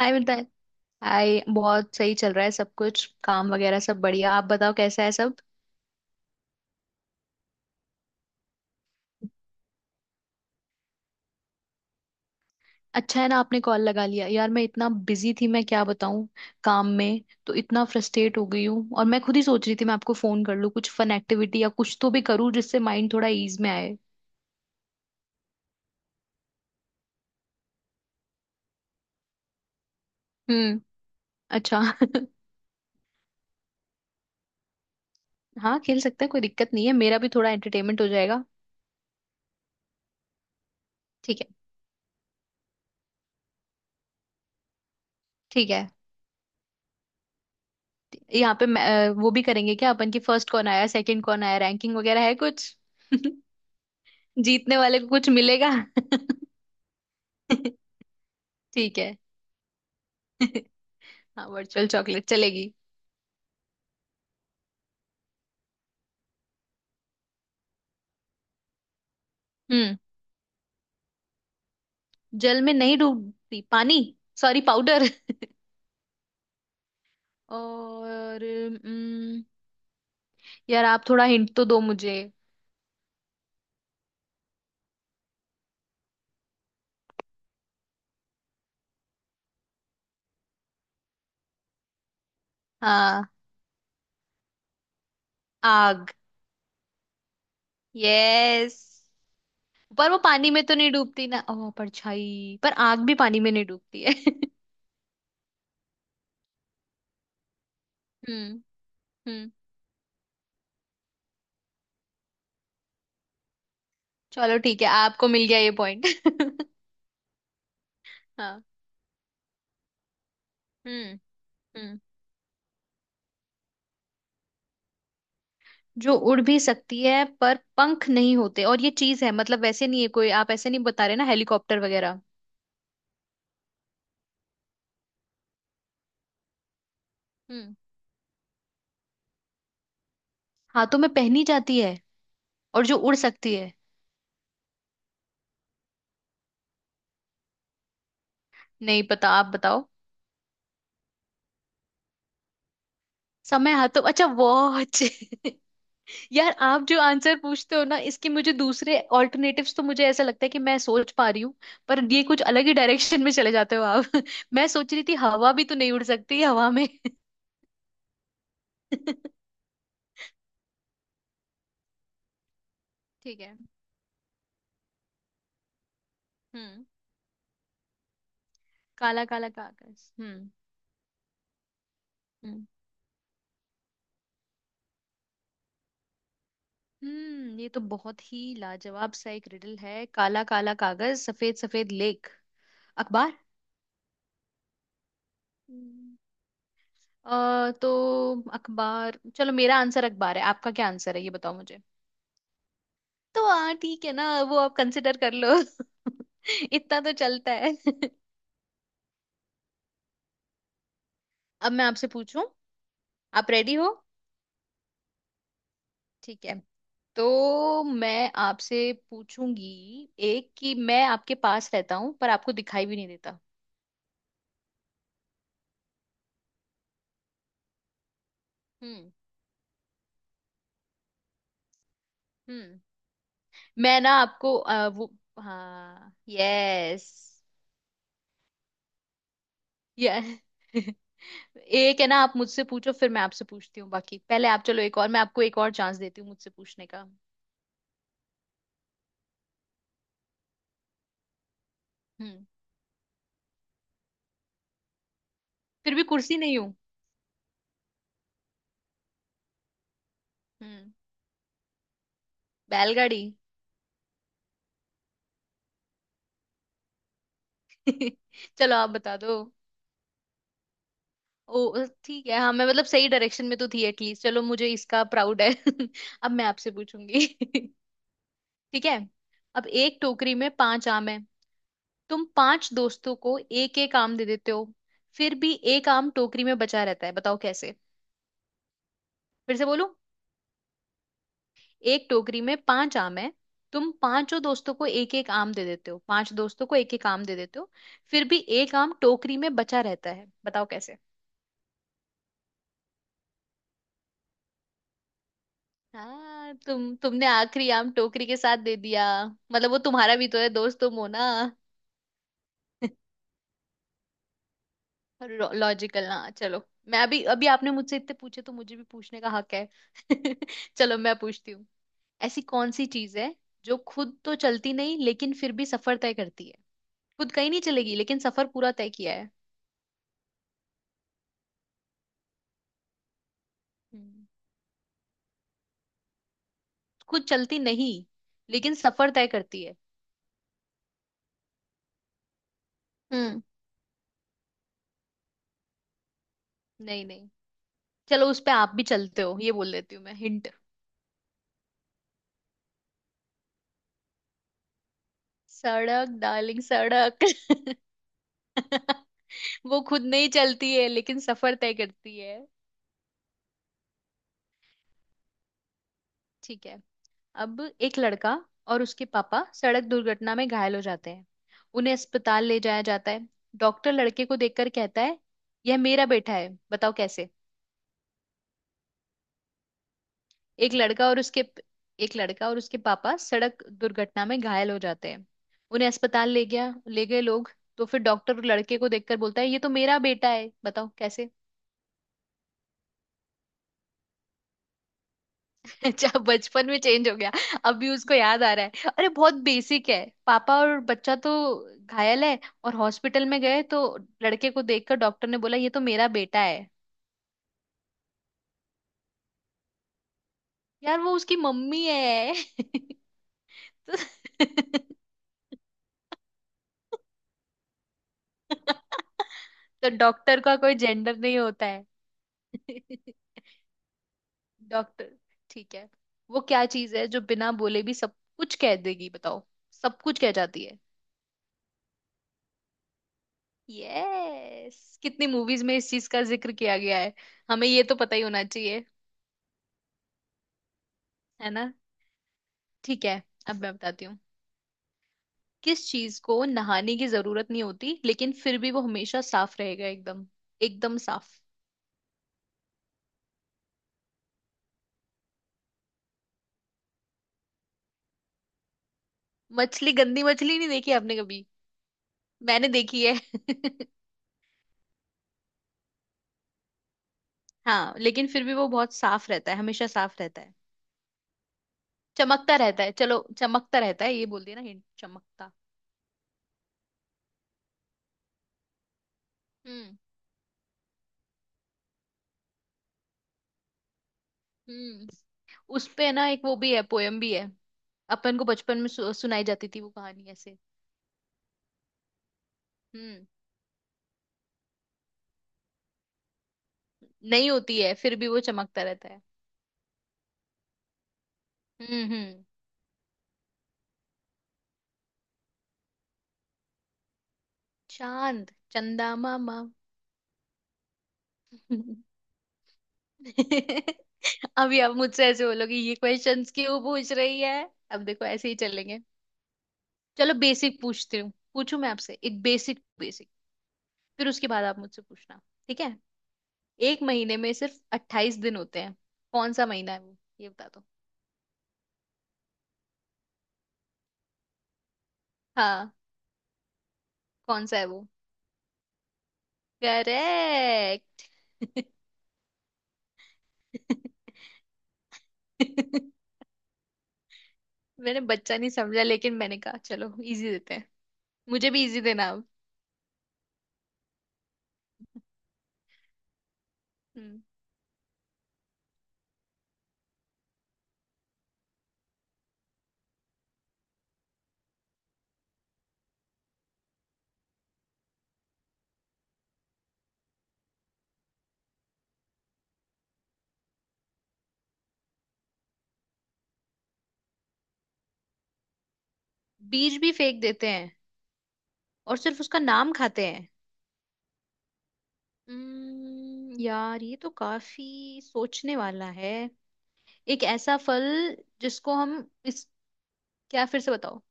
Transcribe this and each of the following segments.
हाय Mitali. Hi, बहुत सही चल रहा है सब कुछ। काम वगैरह सब बढ़िया। आप बताओ कैसा है सब? अच्छा है ना आपने कॉल लगा लिया। यार मैं इतना बिजी थी, मैं क्या बताऊं। काम में तो इतना फ्रस्ट्रेट हो गई हूँ, और मैं खुद ही सोच रही थी मैं आपको फोन कर लूं, कुछ फन एक्टिविटी या कुछ तो भी करूँ जिससे माइंड थोड़ा ईज में आए। हम्म। अच्छा। हाँ खेल सकते हैं, कोई दिक्कत नहीं है। मेरा भी थोड़ा एंटरटेनमेंट हो जाएगा। ठीक है। ठीक है। यहाँ पे वो भी करेंगे क्या अपन की, फर्स्ट कौन आया सेकंड कौन आया रैंकिंग वगैरह है कुछ? जीतने वाले को कुछ मिलेगा? ठीक है। हाँ वर्चुअल चॉकलेट चलेगी। हम्म। जल में नहीं डूबती? पानी। Sorry, powder. और यार आप थोड़ा हिंट तो दो मुझे। हाँ, आग। यस। पर वो पानी में तो नहीं डूबती ना, ओ परछाई, पर आग भी पानी में नहीं डूबती है। हम्म। हम्म। चलो ठीक है, आपको मिल गया ये पॉइंट। हाँ। हम्म। हम्म। जो उड़ भी सकती है पर पंख नहीं होते, और ये चीज है, मतलब वैसे नहीं है कोई, आप ऐसे नहीं बता रहे ना, हेलीकॉप्टर वगैरह? हम्म। हाथों में पहनी जाती है, और जो उड़ सकती है। नहीं पता, आप बताओ। समय, हाथों, अच्छा वॉच। यार आप जो आंसर पूछते हो ना इसके, मुझे दूसरे ऑल्टरनेटिव्स, तो मुझे ऐसा लगता है कि मैं सोच पा रही हूँ, पर ये कुछ अलग ही डायरेक्शन में चले जाते हो आप। मैं सोच रही थी हवा भी तो नहीं उड़ सकती हवा में। ठीक है। हम्म। काला काला का आकाश? हम्म। हम्म, ये तो बहुत ही लाजवाब सा एक रिडल है। काला काला कागज सफेद सफेद लेख। अखबार। हम्म। तो, अखबार, चलो मेरा आंसर अखबार है। आपका क्या आंसर है ये बताओ मुझे। तो हाँ ठीक है ना, वो आप कंसिडर कर लो। इतना तो चलता है। अब मैं आपसे पूछूं। आप रेडी हो? ठीक है। तो मैं आपसे पूछूंगी एक, कि मैं आपके पास रहता हूं पर आपको दिखाई भी नहीं देता। हम्म। हम्म। मैं ना आपको वो, हाँ यस, ये। एक है ना, आप मुझसे पूछो फिर मैं आपसे पूछती हूँ, बाकी पहले आप। चलो एक और, मैं आपको एक और चांस देती हूँ मुझसे पूछने का। हम्म। फिर भी कुर्सी नहीं हूँ। हम्म। बैलगाड़ी। चलो आप बता दो। ओ ठीक है। हाँ मैं मतलब सही डायरेक्शन में तो थी एटलीस्ट, चलो मुझे इसका प्राउड है। अब मैं आपसे पूछूंगी। ठीक है। अब एक टोकरी में पांच आम है। तुम पांच दोस्तों को एक एक आम दे देते हो। फिर भी एक आम टोकरी में बचा रहता है, बताओ कैसे? फिर से बोलूं। एक टोकरी में पांच आम है। तुम पांचों दोस्तों को एक एक आम दे देते हो, पांच दोस्तों को एक एक आम दे देते हो। फिर भी एक आम टोकरी में बचा रहता है, बताओ कैसे? हाँ, तुमने आखिरी आम टोकरी के साथ दे दिया। मतलब वो तुम्हारा भी तो है दोस्त, तुम हो ना। लॉजिकल ना, चलो। मैं अभी, अभी आपने मुझसे इतने पूछे तो मुझे भी पूछने का हक है। चलो मैं पूछती हूँ। ऐसी कौन सी चीज है जो खुद तो चलती नहीं लेकिन फिर भी सफर तय करती है? खुद कहीं नहीं चलेगी लेकिन सफर पूरा तय किया है। हम्म। खुद चलती नहीं लेकिन सफर तय करती है। हम्म। नहीं, नहीं। चलो, उस पे आप भी चलते हो ये बोल देती हूँ मैं हिंट। सड़क, डार्लिंग, सड़क। वो खुद नहीं चलती है लेकिन सफर तय करती है। ठीक है। अब, एक लड़का और उसके पापा सड़क दुर्घटना में घायल हो जाते हैं। उन्हें अस्पताल ले जाया जाता है। डॉक्टर लड़के को देखकर कहता है यह मेरा बेटा है, बताओ कैसे? एक लड़का और उसके एक लड़का और उसके पापा सड़क दुर्घटना में घायल हो जाते हैं। उन्हें अस्पताल ले गए लोग। तो फिर डॉक्टर लड़के को देखकर बोलता है ये तो मेरा बेटा है, बताओ कैसे? अच्छा, बचपन में चेंज हो गया, अभी उसको याद आ रहा है? अरे बहुत बेसिक है। पापा और बच्चा तो घायल है और हॉस्पिटल में गए, तो लड़के को देखकर डॉक्टर ने बोला ये तो मेरा बेटा है। यार, वो उसकी मम्मी है। तो, तो डॉक्टर का कोई जेंडर नहीं होता है। डॉक्टर। ठीक है। वो क्या चीज है जो बिना बोले भी सब कुछ कह देगी, बताओ? सब कुछ कह जाती है। यस। कितनी मूवीज में इस चीज का जिक्र किया गया है। हमें ये तो पता ही होना चाहिए। है ना? ठीक है। अब मैं बताती हूँ। किस चीज को नहाने की जरूरत नहीं होती लेकिन फिर भी वो हमेशा साफ रहेगा, एकदम एकदम साफ? मछली, गंदी मछली नहीं देखी आपने कभी? मैंने देखी है। हाँ लेकिन फिर भी वो बहुत साफ रहता है, हमेशा साफ रहता है। चमकता रहता है, चलो चमकता रहता है, ये बोल दिया ना हिंट, चमकता। हम्म। हम्म। उस पे ना एक वो भी है, पोयम भी है। अपन को बचपन में सुनाई जाती थी वो कहानी ऐसे। हम्म। नहीं होती है फिर भी वो चमकता रहता है। हम्म। हम्म। चांद, चंदा मामा। अभी आप मुझसे ऐसे बोलोगे ये क्वेश्चंस क्यों पूछ रही है, अब देखो ऐसे ही चलेंगे। चलो बेसिक पूछती हूँ पूछू मैं आपसे, एक बेसिक बेसिक। फिर उसके बाद आप मुझसे पूछना, ठीक है? एक महीने में सिर्फ अट्ठाईस दिन होते हैं, कौन सा महीना है वो, ये बता दो। हाँ। कौन सा है? करेक्ट। मैंने बच्चा नहीं समझा, लेकिन मैंने कहा चलो इजी देते हैं। मुझे भी इजी देना अब। हम्म। बीज भी फेंक देते हैं और सिर्फ उसका नाम खाते हैं। यार ये तो काफी सोचने वाला है। एक ऐसा फल जिसको हम इस क्या, फिर से बताओ।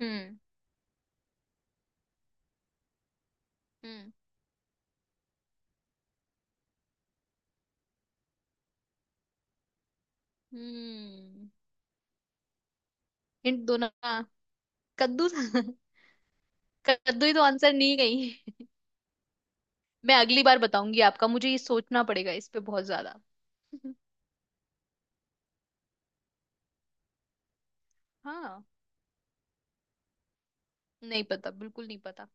हम्म। हम्म। हम्म। हिंट दो ना। कद्दू था? कद्दू ही तो आंसर नहीं गई। मैं अगली बार बताऊंगी आपका, मुझे ये सोचना पड़ेगा इस पे बहुत ज्यादा। हाँ। नहीं पता, बिल्कुल नहीं पता।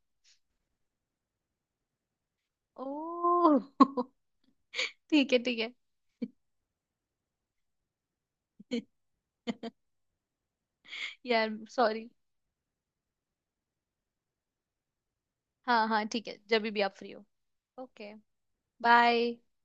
ओ। ठीक है, ठीक है। यार सॉरी। हाँ हाँ ठीक है, जब भी आप फ्री हो। ओके। बाय।